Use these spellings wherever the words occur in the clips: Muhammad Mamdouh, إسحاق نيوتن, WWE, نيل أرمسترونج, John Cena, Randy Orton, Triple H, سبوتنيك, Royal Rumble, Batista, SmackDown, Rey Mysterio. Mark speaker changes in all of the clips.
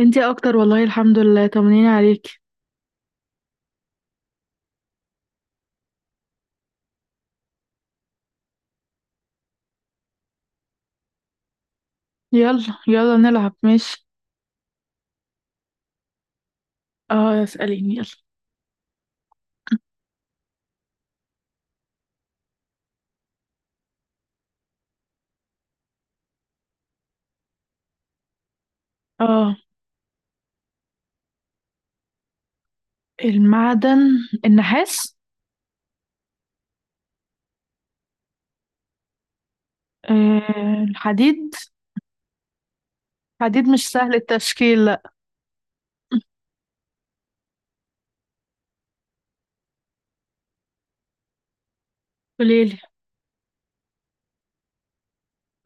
Speaker 1: انتي اكتر والله الحمد لله طمنيني عليك. يلا يلا نلعب ماشي. اه اسأليني يلا. اه المعدن النحاس. آه الحديد. حديد مش سهل التشكيل لا. قوليلي.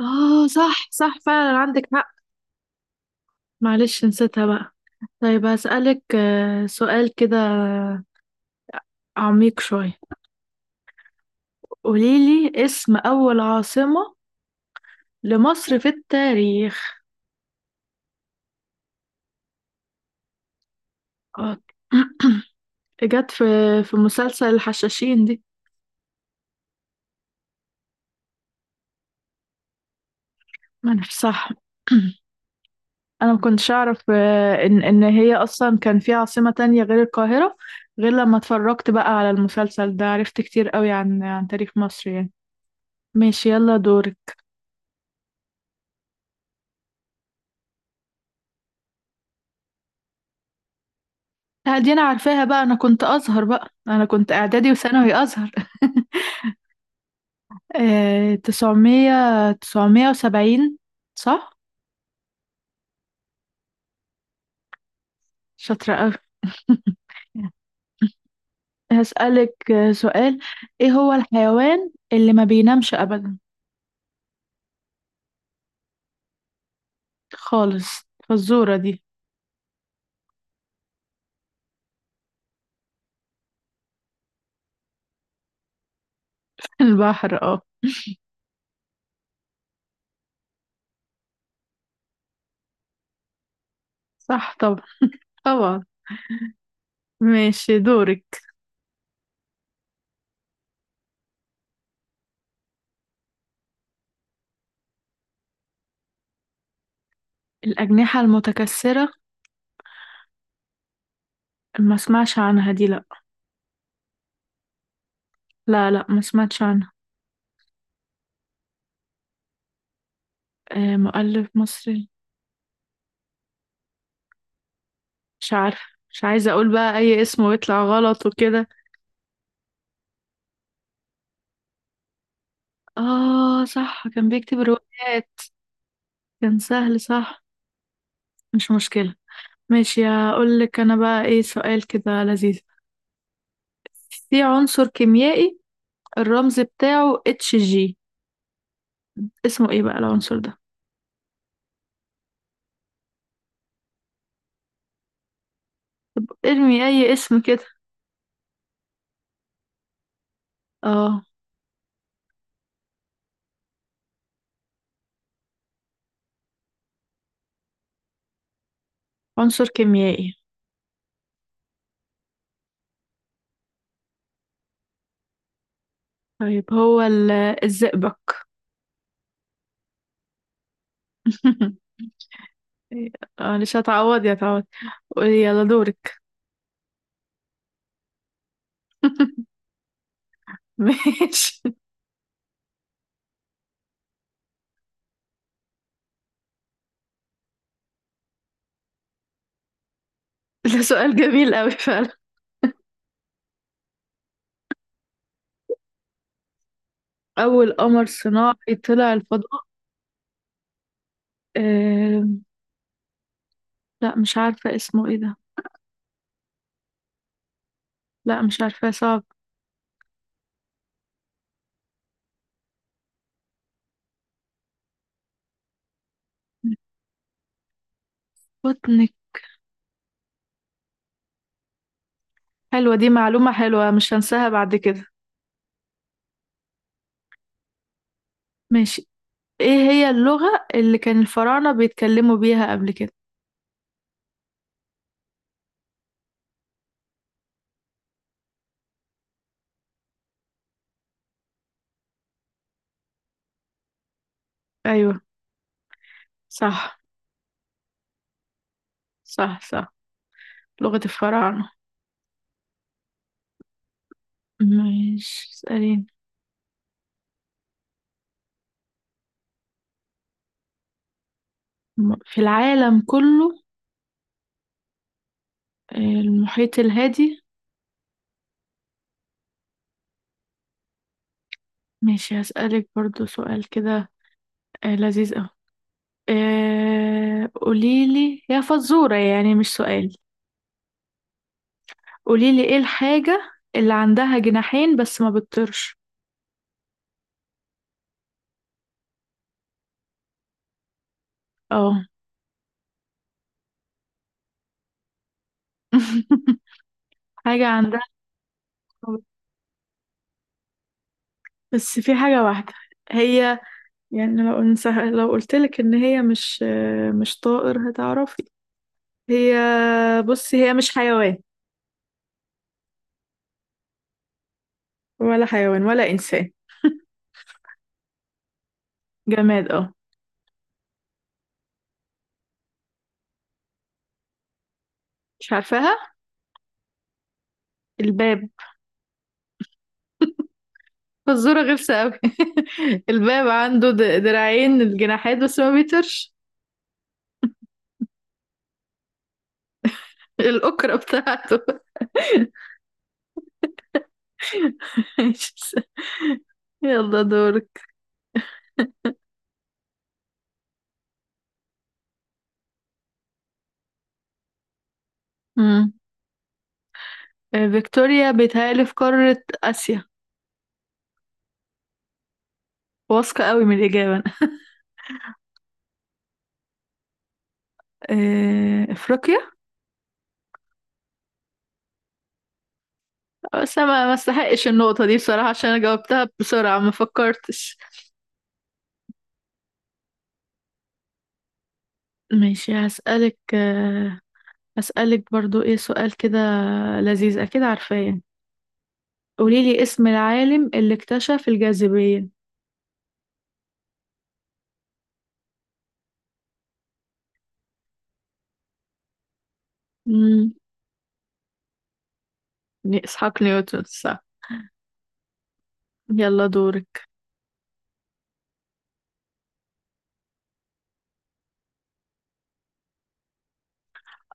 Speaker 1: اه صح صح فعلا عندك حق. معلش نسيتها بقى. طيب هسألك سؤال كده عميق شوية. قوليلي اسم أول عاصمة لمصر في التاريخ. اه جت في مسلسل الحشاشين دي. ما انا صح انا ما كنتش اعرف، ان هي اصلا كان في عاصمة تانية غير القاهرة. غير لما اتفرجت بقى على المسلسل ده عرفت كتير قوي عن تاريخ مصر يعني. ماشي يلا دورك. دي انا عارفاها بقى، انا كنت ازهر، بقى انا كنت اعدادي وثانوي ازهر. آه، تسعمية 970 صح. شاطرة قوي. هسألك سؤال. ايه هو الحيوان اللي ما بينامش ابدا خالص فالزورة دي؟ البحر اه. صح طبعا طبعا. ماشي دورك. الأجنحة المتكسرة. ما اسمعش عنها دي لا. لا لا، ما سمعتش عنها. آه مؤلف مصري. مش عارفة، مش عايزة أقول بقى أي اسم ويطلع غلط وكده. آه صح، كان بيكتب روايات. كان سهل صح. مش مشكلة. ماشي هقول لك أنا بقى إيه سؤال كده لذيذ. في عنصر كيميائي الرمز بتاعه اتش جي، اسمه إيه بقى العنصر ده؟ ارمي أي اسم كده. آه عنصر كيميائي. طيب هو الزئبق. معلش هتعوض يا تعوض. يلا دورك. ماشي. ده سؤال جميل قوي فعلا. أول قمر صناعي طلع الفضاء. آه... لا مش عارفة اسمه ايه ده. لا مش عارفة، صعب. سبوتنيك. حلوة دي، معلومة حلوة مش هنساها بعد كده. ماشي. ايه هي اللغة اللي كان الفراعنة بيتكلموا بيها قبل كده؟ أيوة. صح صح صح. لغة الفراعنة. ماشي اسأليني. في العالم كله. المحيط الهادي. ماشي هسألك برضو سؤال كده. لذيذ أوي. قوليلي يا فزورة يعني، مش سؤال. قوليلي ايه الحاجة اللي عندها جناحين بس ما بتطيرش؟ اه. حاجة عندها. بس في حاجة واحدة. هي يعني لو قلتلك ان هي مش، مش طائر هتعرفي. هي بصي هي مش حيوان، ولا حيوان ولا انسان. جماد اه. مش عارفاها. الباب. فزورة غلسة أوي. الباب عنده دراعين الجناحات بس ما بيطيرش. الأكرة بتاعته. يلا دورك. مم. فيكتوريا بيتهيألي في قارة آسيا. واثقة قوي من الإجابة أنا. أفريقيا. بس أنا ما استحقش النقطة دي بصراحة، عشان أنا جاوبتها بسرعة ما فكرتش. ماشي هسألك برضو إيه سؤال كده لذيذ أكيد عارفاه يعني. قوليلي اسم العالم اللي اكتشف الجاذبية. مم. إسحاق نيوتن صح. يلا دورك.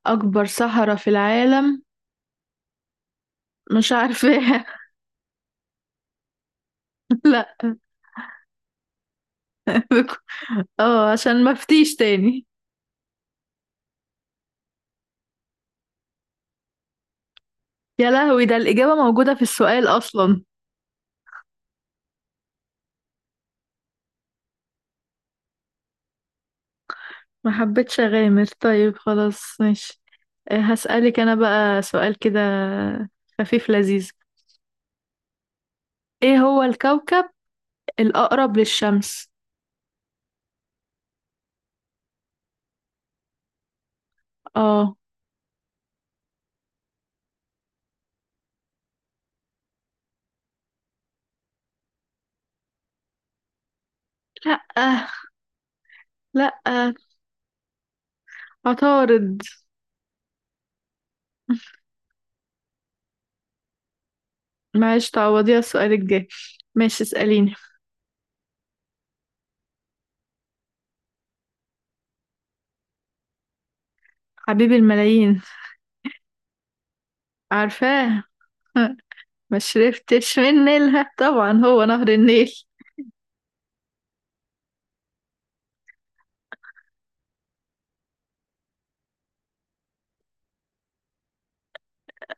Speaker 1: أكبر صحراء في العالم. مش عارفاها. لا. اه، عشان ما افتيش تاني. يا لهوي ده الإجابة موجودة في السؤال أصلا. ما حبيتش أغامر. طيب خلاص ماشي. هسألك أنا بقى سؤال كده خفيف لذيذ. إيه هو الكوكب الأقرب للشمس؟ اه. لأ لأ. عطارد. معلش تعوضيها السؤال الجاي. ماشي اسأليني. حبيب الملايين. عارفاه. ما شربتش من نيلها، طبعا هو نهر النيل.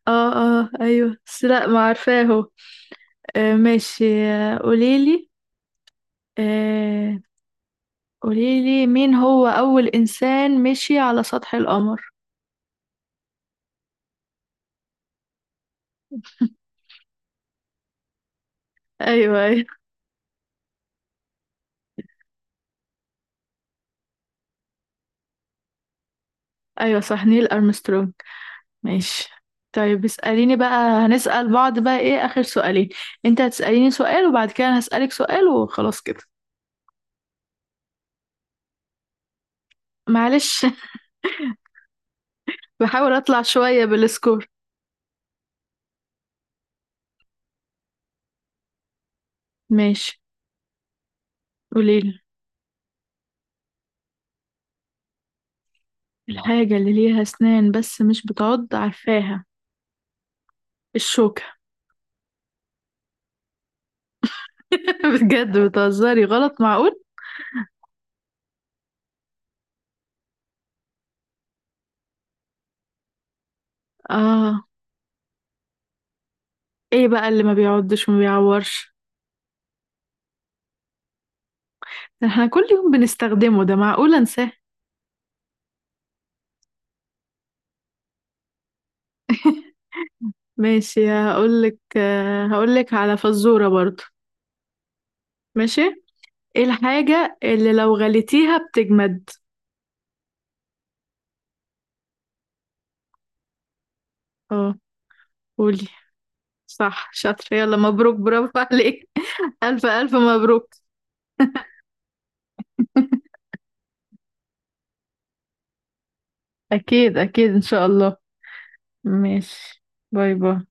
Speaker 1: اه اه ايوه، بس لا ما عارفاه هو. آه ماشي، آه قوليلي مين هو أول إنسان مشي على سطح القمر. ايوه ايوه ايوه، صح نيل أرمسترونج. ماشي. طيب اسأليني بقى، هنسأل بعض بقى، ايه آخر سؤالين. انت هتسأليني سؤال وبعد كده انا هسألك سؤال وخلاص كده. معلش. بحاول اطلع شوية بالسكور. ماشي قوليلي الحاجة اللي ليها اسنان بس مش بتعض عارفاها. الشوكة. بجد بتهزري، غلط معقول. اه، ايه بقى اللي ما بيعضش وما بيعورش؟ ده احنا كل يوم بنستخدمه، ده معقول انساه. ماشي هقولك على فزورة برضو. ماشي، ايه الحاجة اللي لو غليتيها بتجمد؟ اه قولي. صح شاطرة، يلا مبروك برافو عليك. ألف ألف مبروك. أكيد أكيد إن شاء الله. ماشي. باي باي.